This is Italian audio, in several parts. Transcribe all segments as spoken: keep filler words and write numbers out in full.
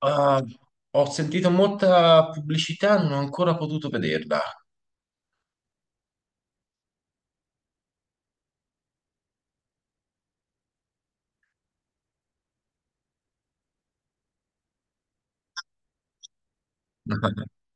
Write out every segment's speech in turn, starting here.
Ah, ho sentito molta pubblicità, non ho ancora potuto vederla.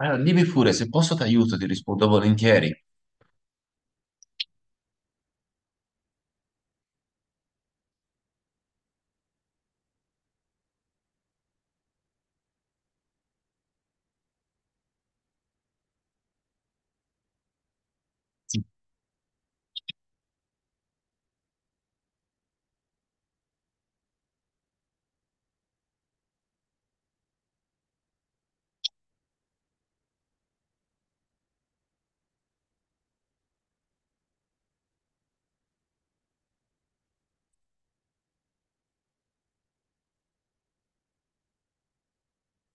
Allora, dimmi pure, se posso ti aiuto, ti rispondo volentieri.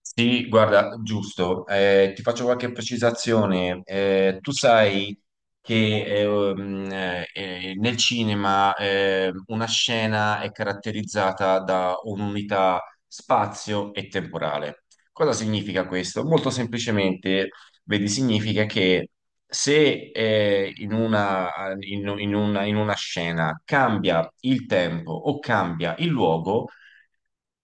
Sì, guarda, giusto. Eh, ti faccio qualche precisazione. Eh, tu sai che eh, um, eh, eh, nel cinema eh, una scena è caratterizzata da un'unità spazio e temporale. Cosa significa questo? Molto semplicemente, vedi, significa che se eh, in una, in in una in una scena cambia il tempo o cambia il luogo,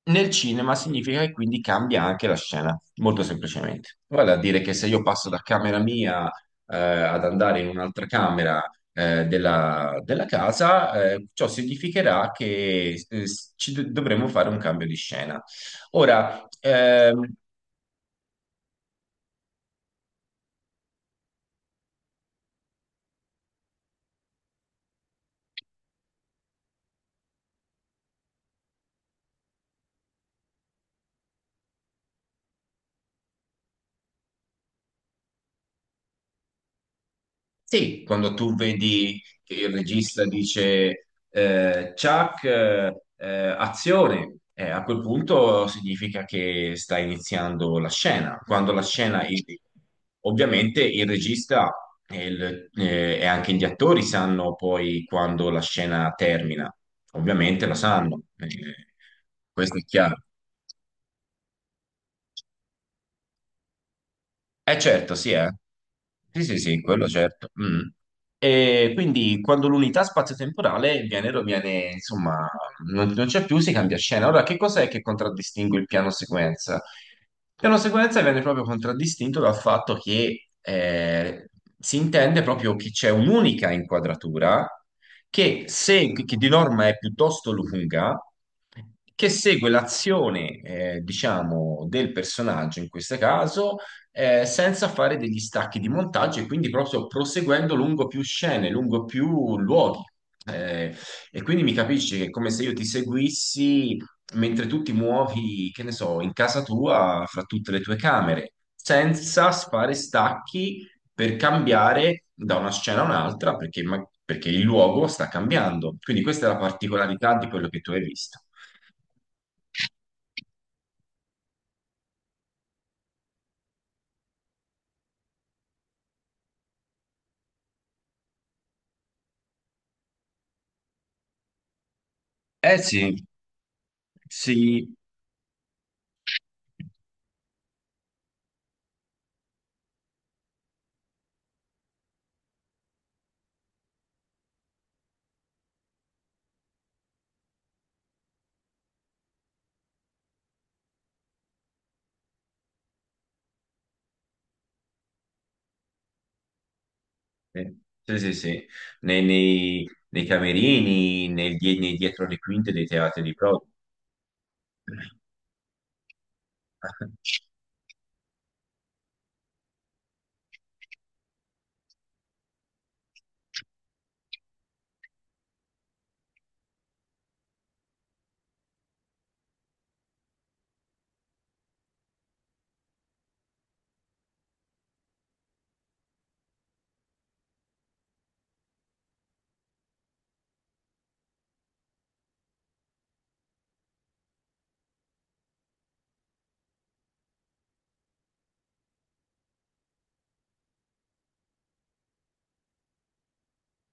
nel cinema significa che quindi cambia anche la scena, molto semplicemente. Vale a dire che se io passo da camera mia eh, ad andare in un'altra camera eh, della, della casa, eh, ciò significherà che eh, ci do- dovremo fare un cambio di scena. Ora, ehm, sì, quando tu vedi che il regista dice eh, Chuck, eh, eh, azione, eh, a quel punto significa che sta iniziando la scena. Quando la scena, il- ovviamente il regista e, il- eh, e anche gli attori sanno poi quando la scena termina, ovviamente la sanno, eh, questo è chiaro. Eh certo, sì, eh. Sì, sì, sì, quello certo. Mm. E quindi quando l'unità spazio-temporale viene, viene, insomma, non, non c'è più, si cambia scena. Ora, che cos'è che contraddistingue il piano sequenza? Il piano sequenza viene proprio contraddistinto dal fatto che eh, si intende proprio che c'è un'unica inquadratura che, segue- che di norma è piuttosto lunga, che segue l'azione, eh, diciamo, del personaggio in questo caso eh, senza fare degli stacchi di montaggio e quindi proprio proseguendo lungo più scene, lungo più luoghi. Eh, e quindi mi capisci che è come se io ti seguissi mentre tu ti muovi, che ne so, in casa tua, fra tutte le tue camere, senza fare stacchi per cambiare da una scena a un'altra, perché, ma- perché il luogo sta cambiando. Quindi questa è la particolarità di quello che tu hai visto. Eh sì, sì. Sì, sì, sì, sì. Nei, nei- nei camerini, nel die- nei dietro le quinte dei teatri di prova.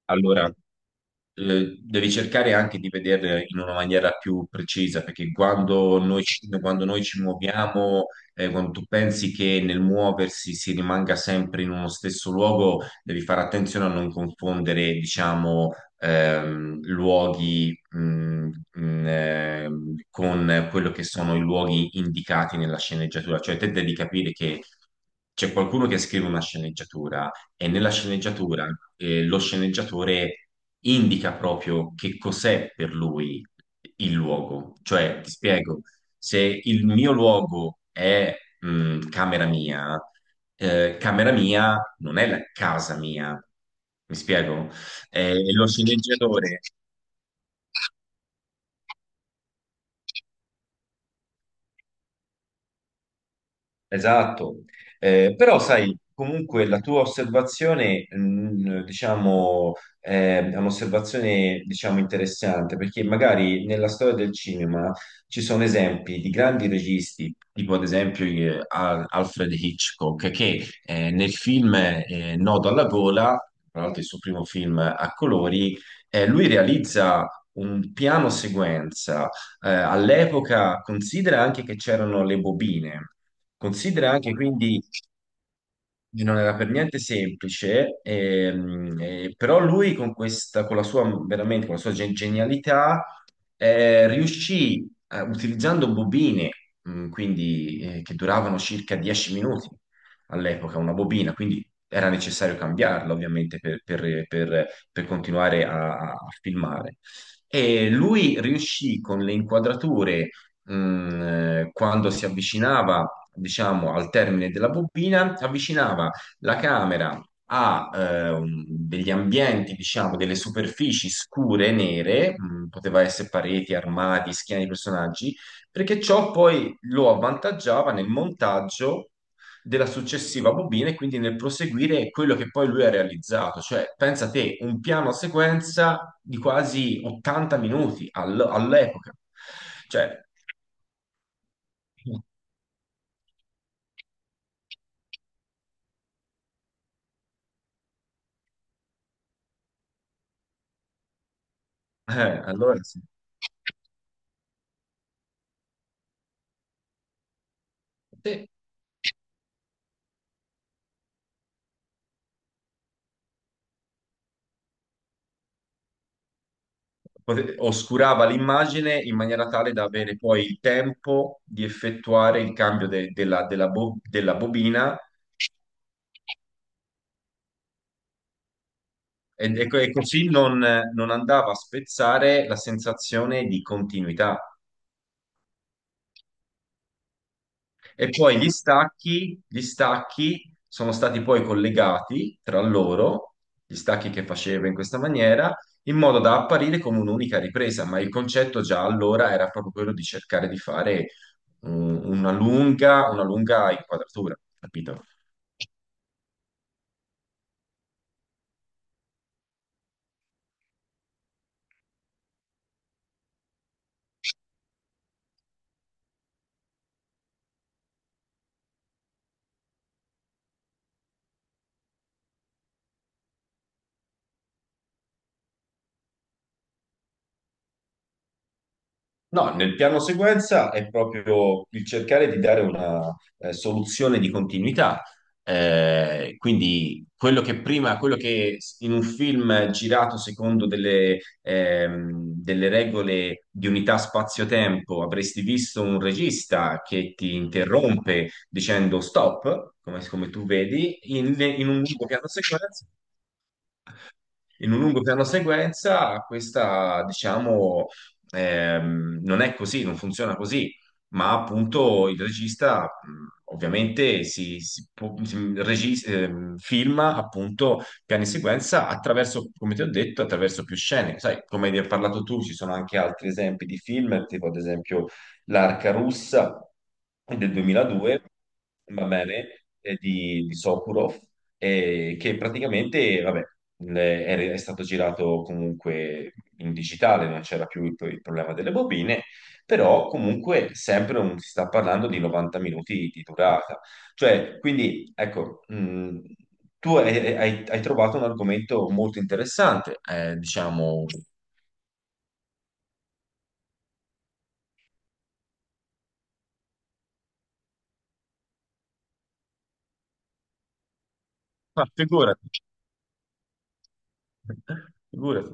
Allora, eh, devi cercare anche di vedere in una maniera più precisa, perché quando noi ci, quando noi ci muoviamo, eh, quando tu pensi che nel muoversi si rimanga sempre in uno stesso luogo, devi fare attenzione a non confondere, diciamo, ehm, luoghi, mh, mh, ehm, con quello che sono i luoghi indicati nella sceneggiatura. Cioè, te devi capire che c'è qualcuno che scrive una sceneggiatura e nella sceneggiatura eh, lo sceneggiatore indica proprio che cos'è per lui il luogo. Cioè, ti spiego, se il mio luogo è mh, camera mia, eh, camera mia non è la casa mia. Mi spiego? Eh, lo sceneggiatore esatto. Eh, però sai, comunque la tua osservazione, mh, diciamo, eh, è un'osservazione, diciamo, interessante, perché magari nella storia del cinema ci sono esempi di grandi registi, tipo ad esempio eh, Al- Alfred Hitchcock, che eh, nel film eh, Nodo alla gola, tra l'altro il suo primo film a colori, eh, lui realizza un piano sequenza. Eh, all'epoca considera anche che c'erano le bobine, considera anche quindi che non era per niente semplice, ehm, eh, però lui con questa, con la sua, veramente, con la sua gen- genialità, eh, riuscì, eh, utilizzando bobine, mh, quindi, eh, che duravano circa dieci minuti all'epoca, una bobina, quindi era necessario cambiarla ovviamente per, per- per- per continuare a a filmare. E lui riuscì con le inquadrature mh, eh, quando si avvicinava, diciamo, al termine della bobina, avvicinava la camera a eh, un- degli ambienti, diciamo, delle superfici scure, nere, mh, poteva essere pareti, armadi, schiene di personaggi, perché ciò poi lo avvantaggiava nel montaggio della successiva bobina e quindi nel proseguire quello che poi lui ha realizzato. Cioè, pensa te, un piano sequenza di quasi ottanta minuti all- all'epoca. Cioè, eh, allora sì. Sì, Pote- oscurava l'immagine in maniera tale da avere poi il tempo di effettuare il cambio de- della, della bo- della bobina e, e co- e così non, non andava a spezzare la sensazione di continuità. E poi gli stacchi, gli stacchi sono stati poi collegati tra loro, gli stacchi che faceva in questa maniera, in modo da apparire come un'unica ripresa, ma il concetto già allora era proprio quello di cercare di fare un- una lunga, una lunga inquadratura, capito? No, nel piano sequenza è proprio il cercare di dare una eh, soluzione di continuità. Eh, quindi quello che prima, quello che in un film girato secondo delle, ehm, delle regole di unità spazio-tempo avresti visto un regista che ti interrompe dicendo stop, come, come tu vedi, in, in un nuovo piano sequenza, in un lungo piano sequenza, questa, diciamo, ehm, non è così, non funziona così, ma appunto il regista mh, ovviamente si, si pu- si- regi- ehm, filma appunto piani sequenza attraverso, come ti ho detto, attraverso più scene. Sai, come ne hai parlato tu, ci sono anche altri esempi di film, tipo ad esempio L'Arca russa del duemiladue, va bene, eh, di, di Sokurov, eh, che praticamente, vabbè, le- è, è stato girato comunque in digitale, non c'era più il, pro- il problema delle bobine, però comunque sempre un- si sta parlando di novanta minuti di durata. Cioè, quindi, ecco, mh, tu hai, hai- hai trovato un argomento molto interessante, eh, diciamo. Ma figurati, figurati.